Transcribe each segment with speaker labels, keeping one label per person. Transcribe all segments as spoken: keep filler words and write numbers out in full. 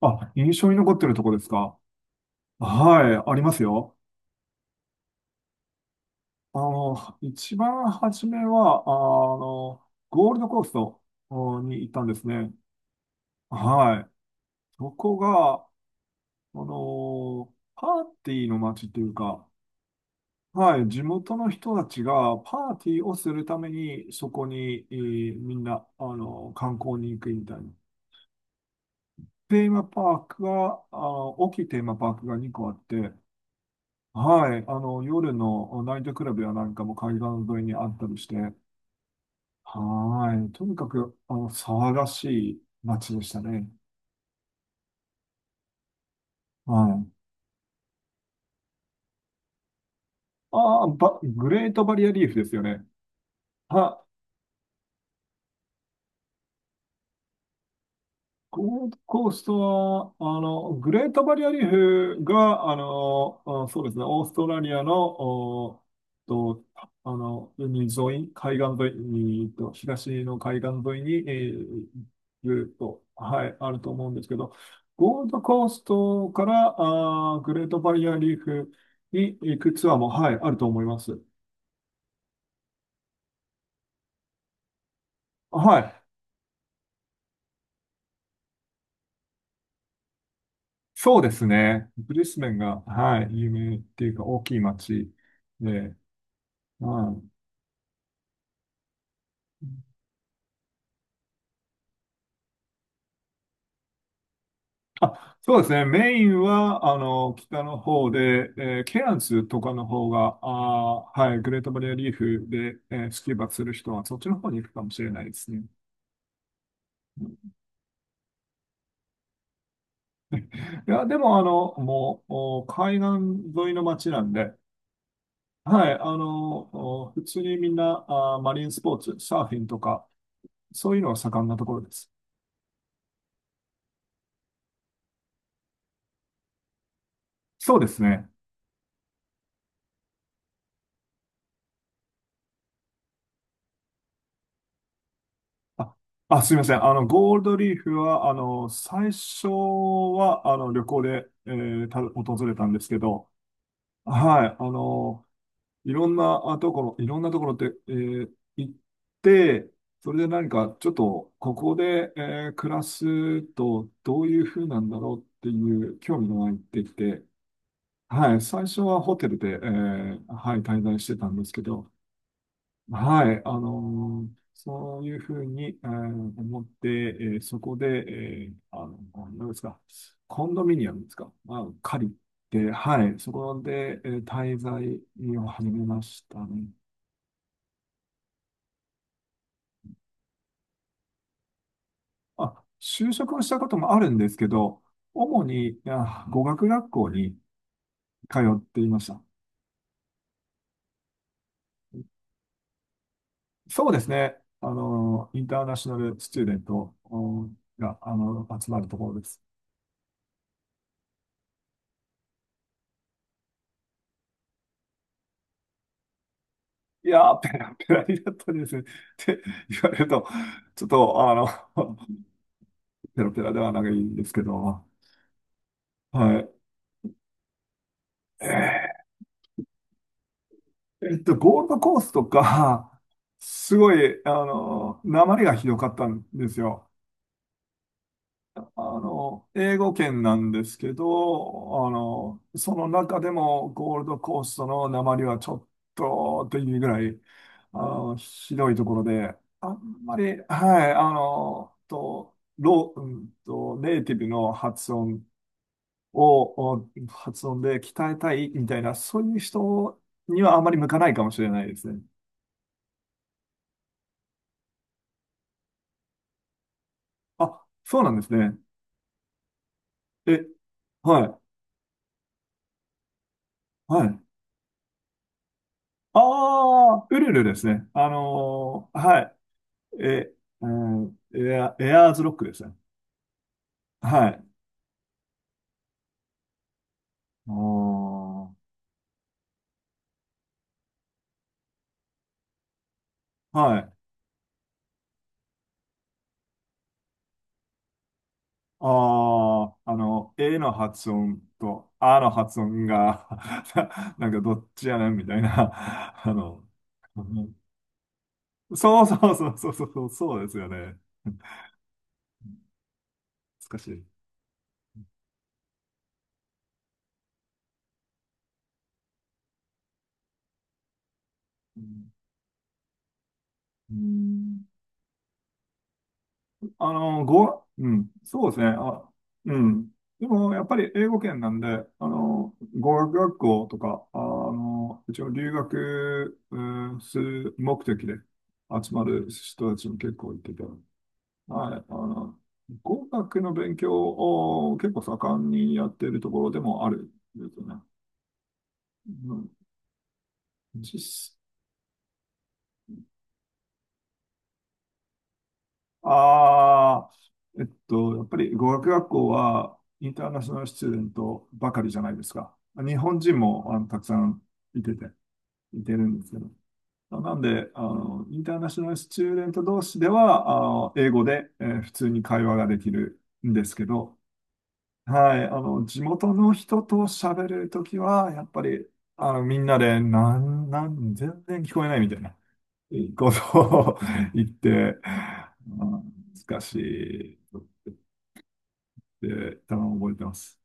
Speaker 1: あ、印象に残ってるとこですか。はい、ありますよ。あの、一番初めは、あの、ゴールドコーストに行ったんですね。はい。そこが、あの、パーティーの街っていうか、はい、地元の人たちがパーティーをするために、そこに、えーみんな、あの、観光に行くみたいな。テーマパークが、あの、大きいテーマパークがにこあって、はい。あの、夜のナイトクラブやなんかも海岸沿いにあったりして、はい。とにかく、あの、騒がしい街でしたね。はい。ああ、ばグレートバリアリーフですよね。は、ゴールドコーストは、あの、グレートバリアリーフが、あの、あそうですね、オーストラリアの、おと、あの、海沿い、海岸沿いに、えっと、東の海岸沿いに、えーずっと、はい、あると思うんですけど、ゴールドコーストから、あー、グレートバリアリーフに行くツアーも、はい、あると思います。はい、そうですね。ブリスベンが、はい、有名っていうか、大きい街で、はい。あ、そうですね。メインは、あの、北の方で、えーケアンズとかの方が、あー、はい、グレートバリアリーフで、えースキューバする人は、そっちの方に行くかもしれないですね。いや、でも、あの、もう、お海岸沿いの街なんで、はい、あの、お普通にみんな、あー、マリンスポーツ、サーフィンとか、そういうのが盛んなところです。そうですね。あ、あすみません。あの、ゴールドリーフは、あの、最初は、あの、旅行で、えーた、訪れたんですけど、はい、あの、いろんなあところ、いろんなところって、えー行って、それで何か、ちょっと、ここで、えー暮らすと、どういう風なんだろうっていう興味が湧いてきて、はい、最初はホテルで、えーはい、滞在してたんですけど、はい、あのーそういうふうに、えー思って、えーそこで、えーあの、何ですか、コンドミニアムですか、まあ、借りて、はい、そこで、えー滞在を始めましたね。あ、就職をしたこともあるんですけど、主に、あ、語学学校に通っていました。そうですね、あのーインターナショナルスチューデントおが、あの、集まるところです。いやー、ペラペラになったんですね。って言われると、ちょっと、あの、ペラペラではないんですけど、はい。えっと、ゴールドコーストとか、すごい、あの、訛りがひどかったんですよ。あの、英語圏なんですけど、あの、その中でもゴールドコーストの訛りはちょっとっていうぐらい、あの、ひどいところで、あんまり、はい、あの、と、ロー、うんと、ネイティブの発音を、お発音で鍛えたいみたいな、そういう人にはあまり向かないかもしれないですね。あ、そうなんですね。え、はい、はい。ああ、ウルルですね。あの、はい。え、うん、エア、エアーズロックですね。はい。おー、はい。ああ、あの、A の発音と A の発音が なんかどっちやねんみたいな。あの、そうそうそうそうそう、そうですよね。難しい。うんうんあの、ご、うん、そうですね。あ、うん。でも、やっぱり英語圏なんで、あの、語学学校とか、あの、一応留学、うん、する目的で集まる人たちも結構いてて、はい、あの、語学の勉強を結構盛んにやっているところでもあるんですよね。うん、実ああ、えっと、やっぱり語学学校はインターナショナルスチューデントばかりじゃないですか。日本人もあのたくさんいてて、いてるんですけど。なんで、あの、インターナショナルスチューデント同士では、あの、英語で、えー普通に会話ができるんですけど、はい、あの、地元の人と喋るときは、やっぱり、あの、みんなで、なん、なん、全然聞こえないみたいな。いいことを 言って、うん、難しいって多分覚えてます。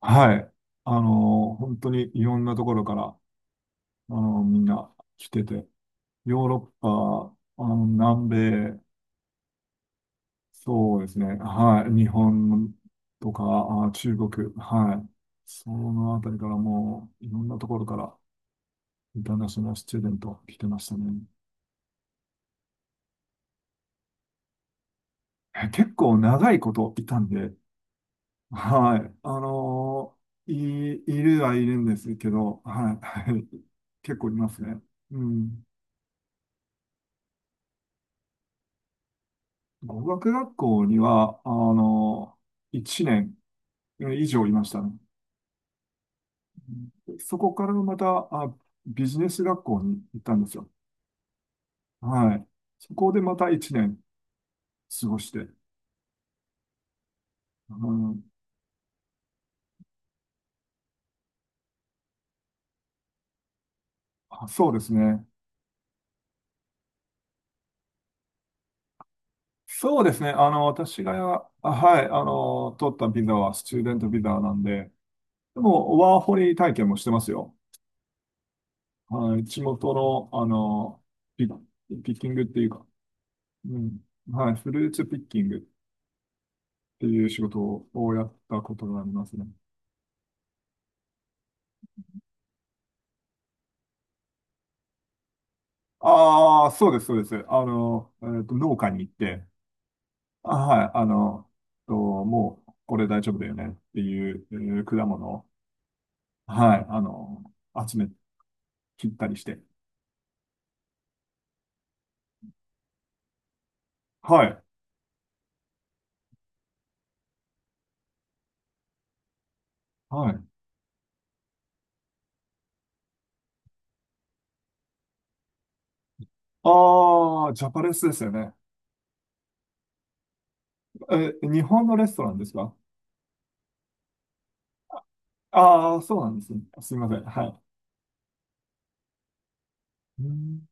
Speaker 1: はい。あの、本当にいろんなところから、あの、みんな来てて、ヨーロッパ、あの、南米、そうですね。はい。日本とか、あ、中国、はい。そのあたりからもう、いろんなところから、インターナショナルスチューデント来てましたね。え結構長いこといたんで、はい。あのーい、いるはいるんですけど、はい。はい。結構いますね。うん。語学学校には、あのー、いちねん以上いましたね。うん、そこからまた、あ、ビジネス学校に行ったんですよ。はい。そこでまたいちねん過ごして。うん、あ、そうですね。そうですね。あの、私が、あ、はい、あの、取ったビザはスチューデントビザなんで、でも、ワーホリ体験もしてますよ。はい、地元の、あの、ピ、ピッキングっていうか、うん。はい、フルーツピッキングっていう仕事をやったことがありますね。ああ、そうです、そうです。あの、えっと、農家に行って、あ、はい、あの、と、もう、これ大丈夫だよねっていう、えー果物を、はい、あの、集め、切ったりして。はい、はい。ああ、ジャパレスですよね。え、日本のレストランですか？ああー、そうなんですね。すみません。はい。うん、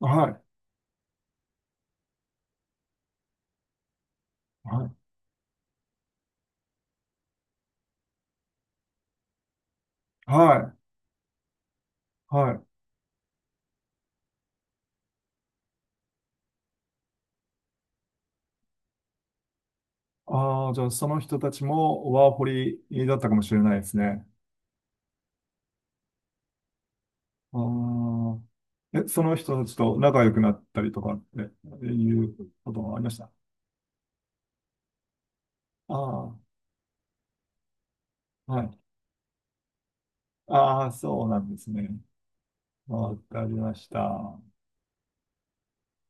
Speaker 1: はい、はい、はい、はい。ああ、じゃあその人たちもワーホリだったかもしれないですね。ああ。え、その人たちと仲良くなったりとかっていうこともありました。ああ、はい。ああ、そうなんですね。わかりました。